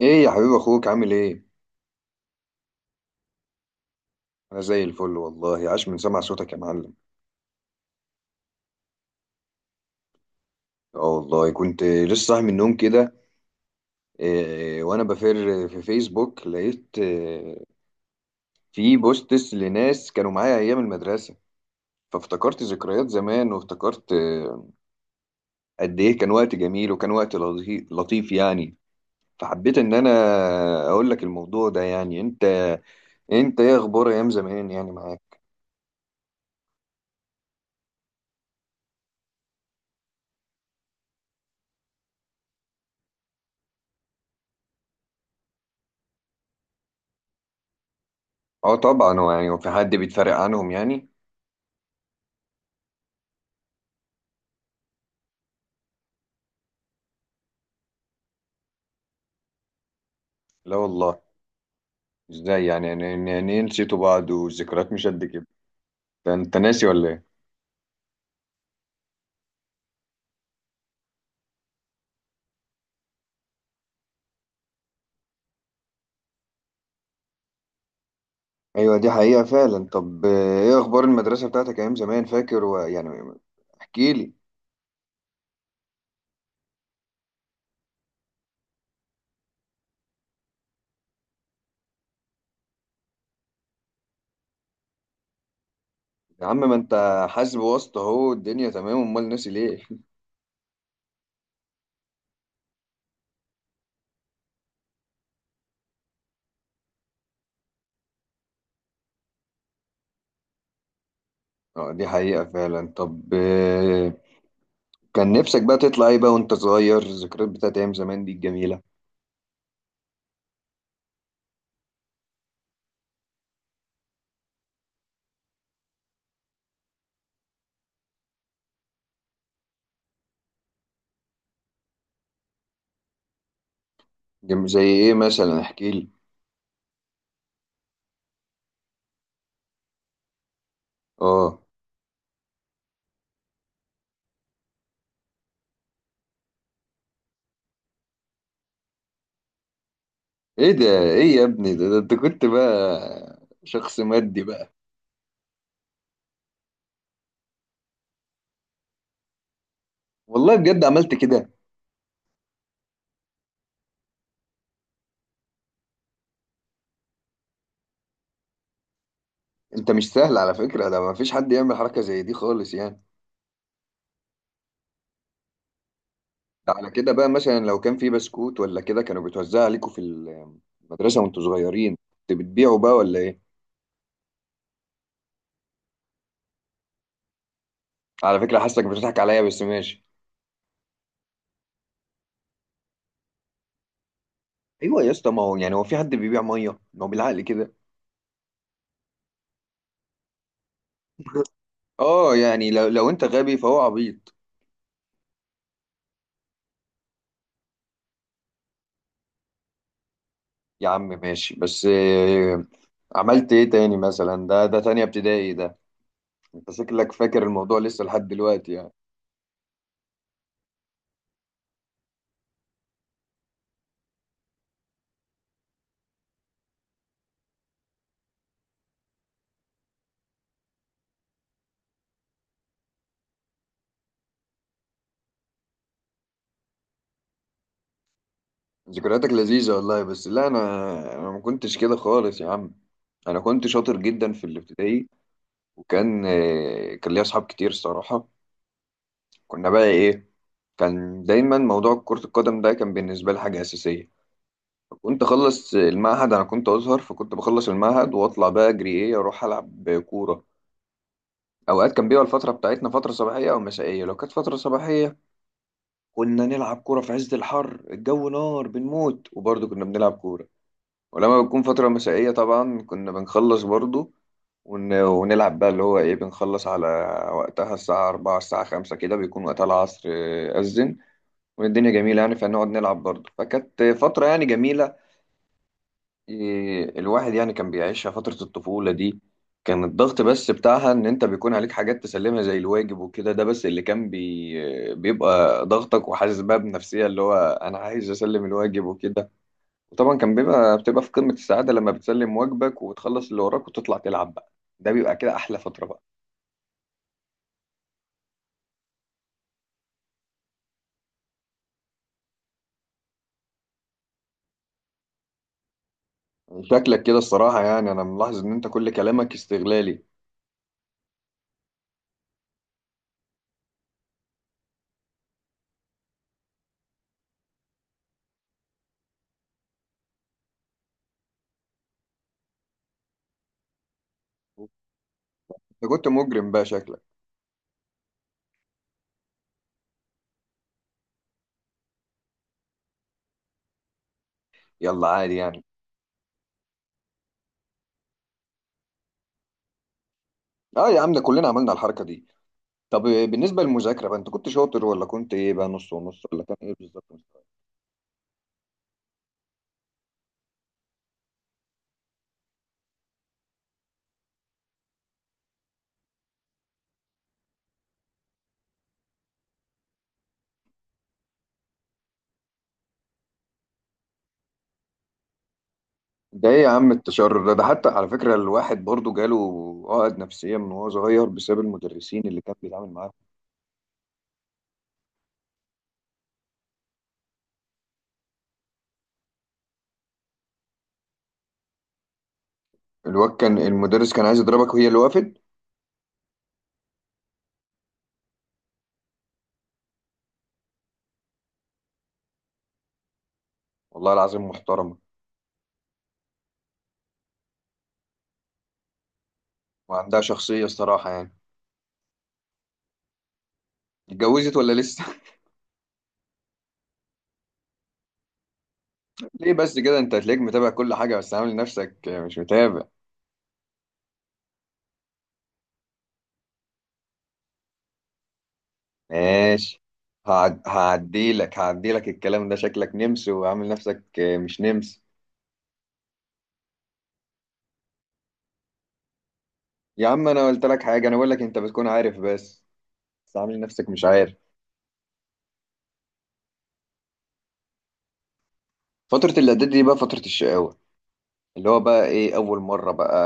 ايه يا حبيب اخوك عامل ايه؟ انا زي الفل والله. عاش من سمع صوتك يا معلم. اه والله كنت لسه صاحي من النوم كده. إيه، وانا بفر في فيسبوك لقيت إيه؟ في بوستس لناس كانوا معايا ايام المدرسه. فافتكرت ذكريات زمان وافتكرت إيه؟ قد ايه كان وقت جميل! وكان وقت لطيف يعني. فحبيت ان انا اقول لك الموضوع ده. يعني انت ايه اخبار ايام زمان يعني معاك؟ اه طبعا. هو في حد بيتفرق عنهم يعني؟ لا والله. ازاي يعني إيه نسيتوا بعض والذكريات مش قد كده؟ ده انت ناسي ولا ايه؟ ايوه دي حقيقة فعلا. طب ايه اخبار المدرسة بتاعتك ايام زمان؟ فاكر يعني احكي لي. يا عم ما انت حاسب واسطة اهو. الدنيا تمام. امال ناسي ليه؟ اه دي حقيقة فعلا. طب كان نفسك بقى تطلع ايه بقى وانت صغير؟ الذكريات بتاعت ايام زمان دي الجميلة. زي ايه مثلا؟ احكي لي. اه، ايه ده؟ ايه يا ابني ده، ده انت كنت بقى شخص مادي بقى؟ والله بجد عملت كده؟ انت مش سهل على فكرة. ده ما فيش حد يعمل حركة زي دي خالص يعني. ده على كده بقى، مثلا لو كان في بسكوت ولا كده كانوا بيتوزع عليكم في المدرسة وانتوا صغيرين، كنت بتبيعوا بقى ولا ايه؟ على فكرة حاسك بتضحك عليا، بس ماشي. ايوه يا اسطى، ما هو في حد بيبيع مية؟ ما هو بالعقل كده. اه يعني لو انت غبي فهو عبيط. يا عم ماشي. بس عملت ايه تاني مثلا؟ ده ده تانية ابتدائي ده، انت شكلك فاكر الموضوع لسه لحد دلوقتي يعني. ذكرياتك لذيذة والله. بس لا، أنا ما كنتش كده خالص يا عم. أنا كنت شاطر جدا في الابتدائي. وكان آه، كان ليا أصحاب كتير الصراحة. كنا بقى إيه، كان دايما موضوع كرة القدم ده كان بالنسبة لي حاجة أساسية. كنت أخلص المعهد، أنا كنت أزهر، فكنت بخلص المعهد وأطلع بقى أجري، إيه، أروح ألعب كورة. أوقات كان بيبقى الفترة بتاعتنا فترة صباحية أو مسائية. لو كانت فترة صباحية كنا نلعب كورة في عز الحر، الجو نار بنموت، وبرضه كنا بنلعب كورة. ولما بتكون فترة مسائية طبعا كنا بنخلص برضو، ونلعب بقى اللي هو ايه. بنخلص على وقتها الساعة أربعة الساعة خمسة كده، بيكون وقتها العصر، أذن والدنيا جميلة يعني، فنقعد نلعب برضو، فكانت فترة يعني جميلة. إيه، الواحد يعني كان بيعيشها فترة الطفولة دي. كان الضغط بس بتاعها إن أنت بيكون عليك حاجات تسلمها زي الواجب وكده. ده بس اللي كان بيبقى ضغطك، وحاسس بقى بنفسية اللي هو أنا عايز أسلم الواجب وكده. وطبعا كان بيبقى بتبقى في قمة السعادة لما بتسلم واجبك وتخلص اللي وراك وتطلع تلعب بقى. ده بيبقى كده أحلى فترة بقى. شكلك كده الصراحة يعني، أنا ملاحظ إن أنت كل كلامك استغلالي. أنت كنت مجرم بقى شكلك. يلا عادي يعني. أه يا عم، ده كلنا عملنا الحركة دي. طب بالنسبة للمذاكرة بقى، أنت كنت شاطر ولا كنت إيه بقى، نص ونص، ولا كان إيه بالظبط مستواك؟ ده إيه يا عم التشرر ده؟ ده حتى على فكرة الواحد برضه جاله عقد نفسية من وهو صغير بسبب المدرسين اللي كان بيتعامل معاهم. الواد كان المدرس كان عايز يضربك وهي اللي وقفت؟ والله العظيم محترم. وعندها شخصية الصراحة يعني. اتجوزت ولا لسه؟ ليه بس كده؟ انت هتلاقيك متابع كل حاجة بس عامل نفسك مش متابع. ماشي. هعديلك الكلام ده. شكلك نمس وعامل نفسك مش نمس. يا عم انا قلت لك حاجة، انا بقول لك انت بتكون عارف بس، بس عامل نفسك مش عارف. فترة الاعداد دي بقى فترة الشقاوة، اللي هو بقى ايه، اول مرة بقى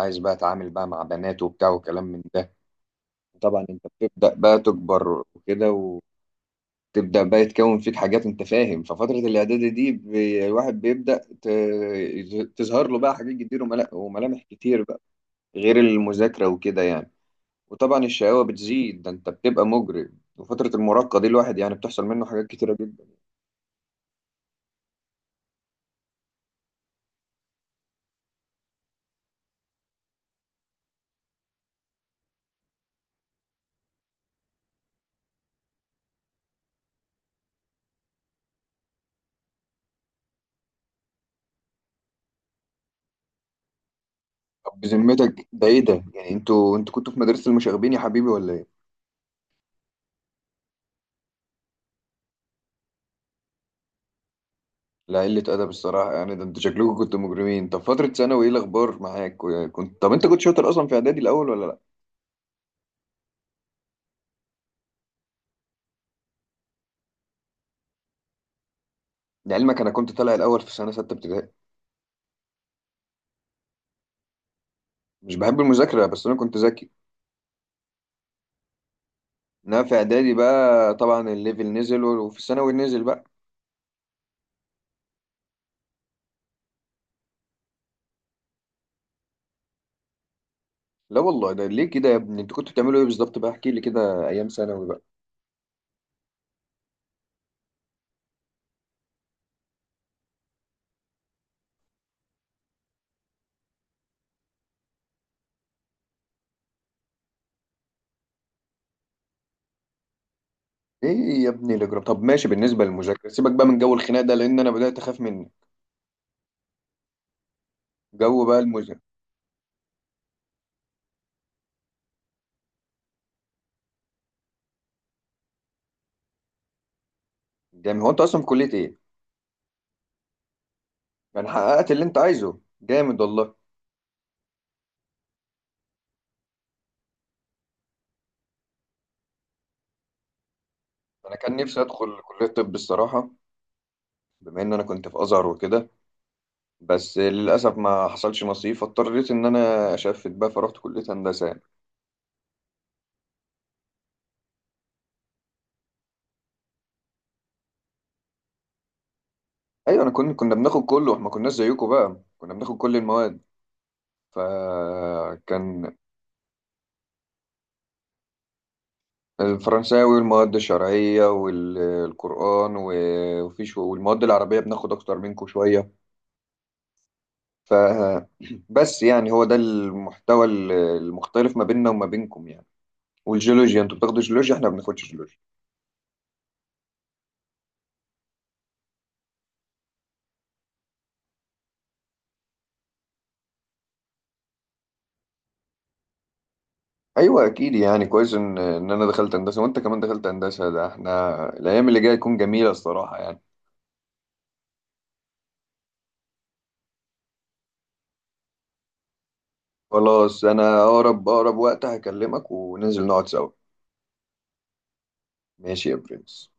عايز بقى اتعامل بقى مع بنات وبتاع وكلام من ده. طبعا انت بتبدأ بقى تكبر وكده، تبدأ بقى يتكون فيك حاجات انت فاهم. ففترة الاعدادي دي الواحد بيبدأ تظهر له بقى حاجات كتير وملامح كتير بقى، غير المذاكرة وكده يعني. وطبعا الشقاوة بتزيد، ده انت بتبقى مجرم. وفترة المراهقة دي الواحد يعني بتحصل منه حاجات كتيرة جدا. طب بذمتك ده ايه ده؟ يعني انتوا كنتوا في مدرسة المشاغبين يا حبيبي ولا ايه؟ لا قلة أدب الصراحة يعني. ده انتوا شكلكم كنتوا مجرمين. طب فترة ثانوي ايه الأخبار معاك؟ طب انت كنت شاطر أصلا في إعدادي الأول ولا لا؟ لعلمك أنا كنت طالع الأول في سنة ستة ابتدائي. مش بحب المذاكرة، بس أنا كنت ذكي. إنما في إعدادي بقى طبعا الليفل نزل، وفي الثانوي نزل بقى. لا والله، ده ليه كده يا ابني؟ أنتوا كنتوا بتعملوا إيه بالظبط بقى؟ احكي لي كده أيام ثانوي بقى. إيه يا ابني الإجرام! طب ماشي، بالنسبة للمذاكرة سيبك بقى من جو الخناق ده لأن أنا بدأت أخاف منه. جو بقى المذاكرة. جامد. هو أنت أصلا في كلية إيه؟ يعني حققت اللي أنت عايزه، جامد والله. أنا كان نفسي أدخل كلية طب الصراحة، بما إن أنا كنت في أزهر وكده. بس للأسف ما حصلش نصيب، فاضطريت إن أنا أشفت بقى، فرحت كلية هندسة. ايوه انا كنا بناخد كله، احنا ما كناش زيكم بقى، كنا بناخد كل المواد. فكان الفرنساوي والمواد الشرعيه والقران وفيش، والمواد العربيه بناخد اكتر منكم شويه. ف بس يعني هو ده المحتوى المختلف ما بيننا وما بينكم يعني. والجيولوجيا انتوا بتاخدوا جيولوجيا، احنا ما بناخدش جيولوجيا. ايوه اكيد يعني، كويس ان انا دخلت هندسه وانت كمان دخلت هندسه، ده احنا الايام اللي جايه تكون جميله الصراحه يعني. خلاص، انا اقرب اقرب وقت هكلمك وننزل نقعد سوا. ماشي يا برنس.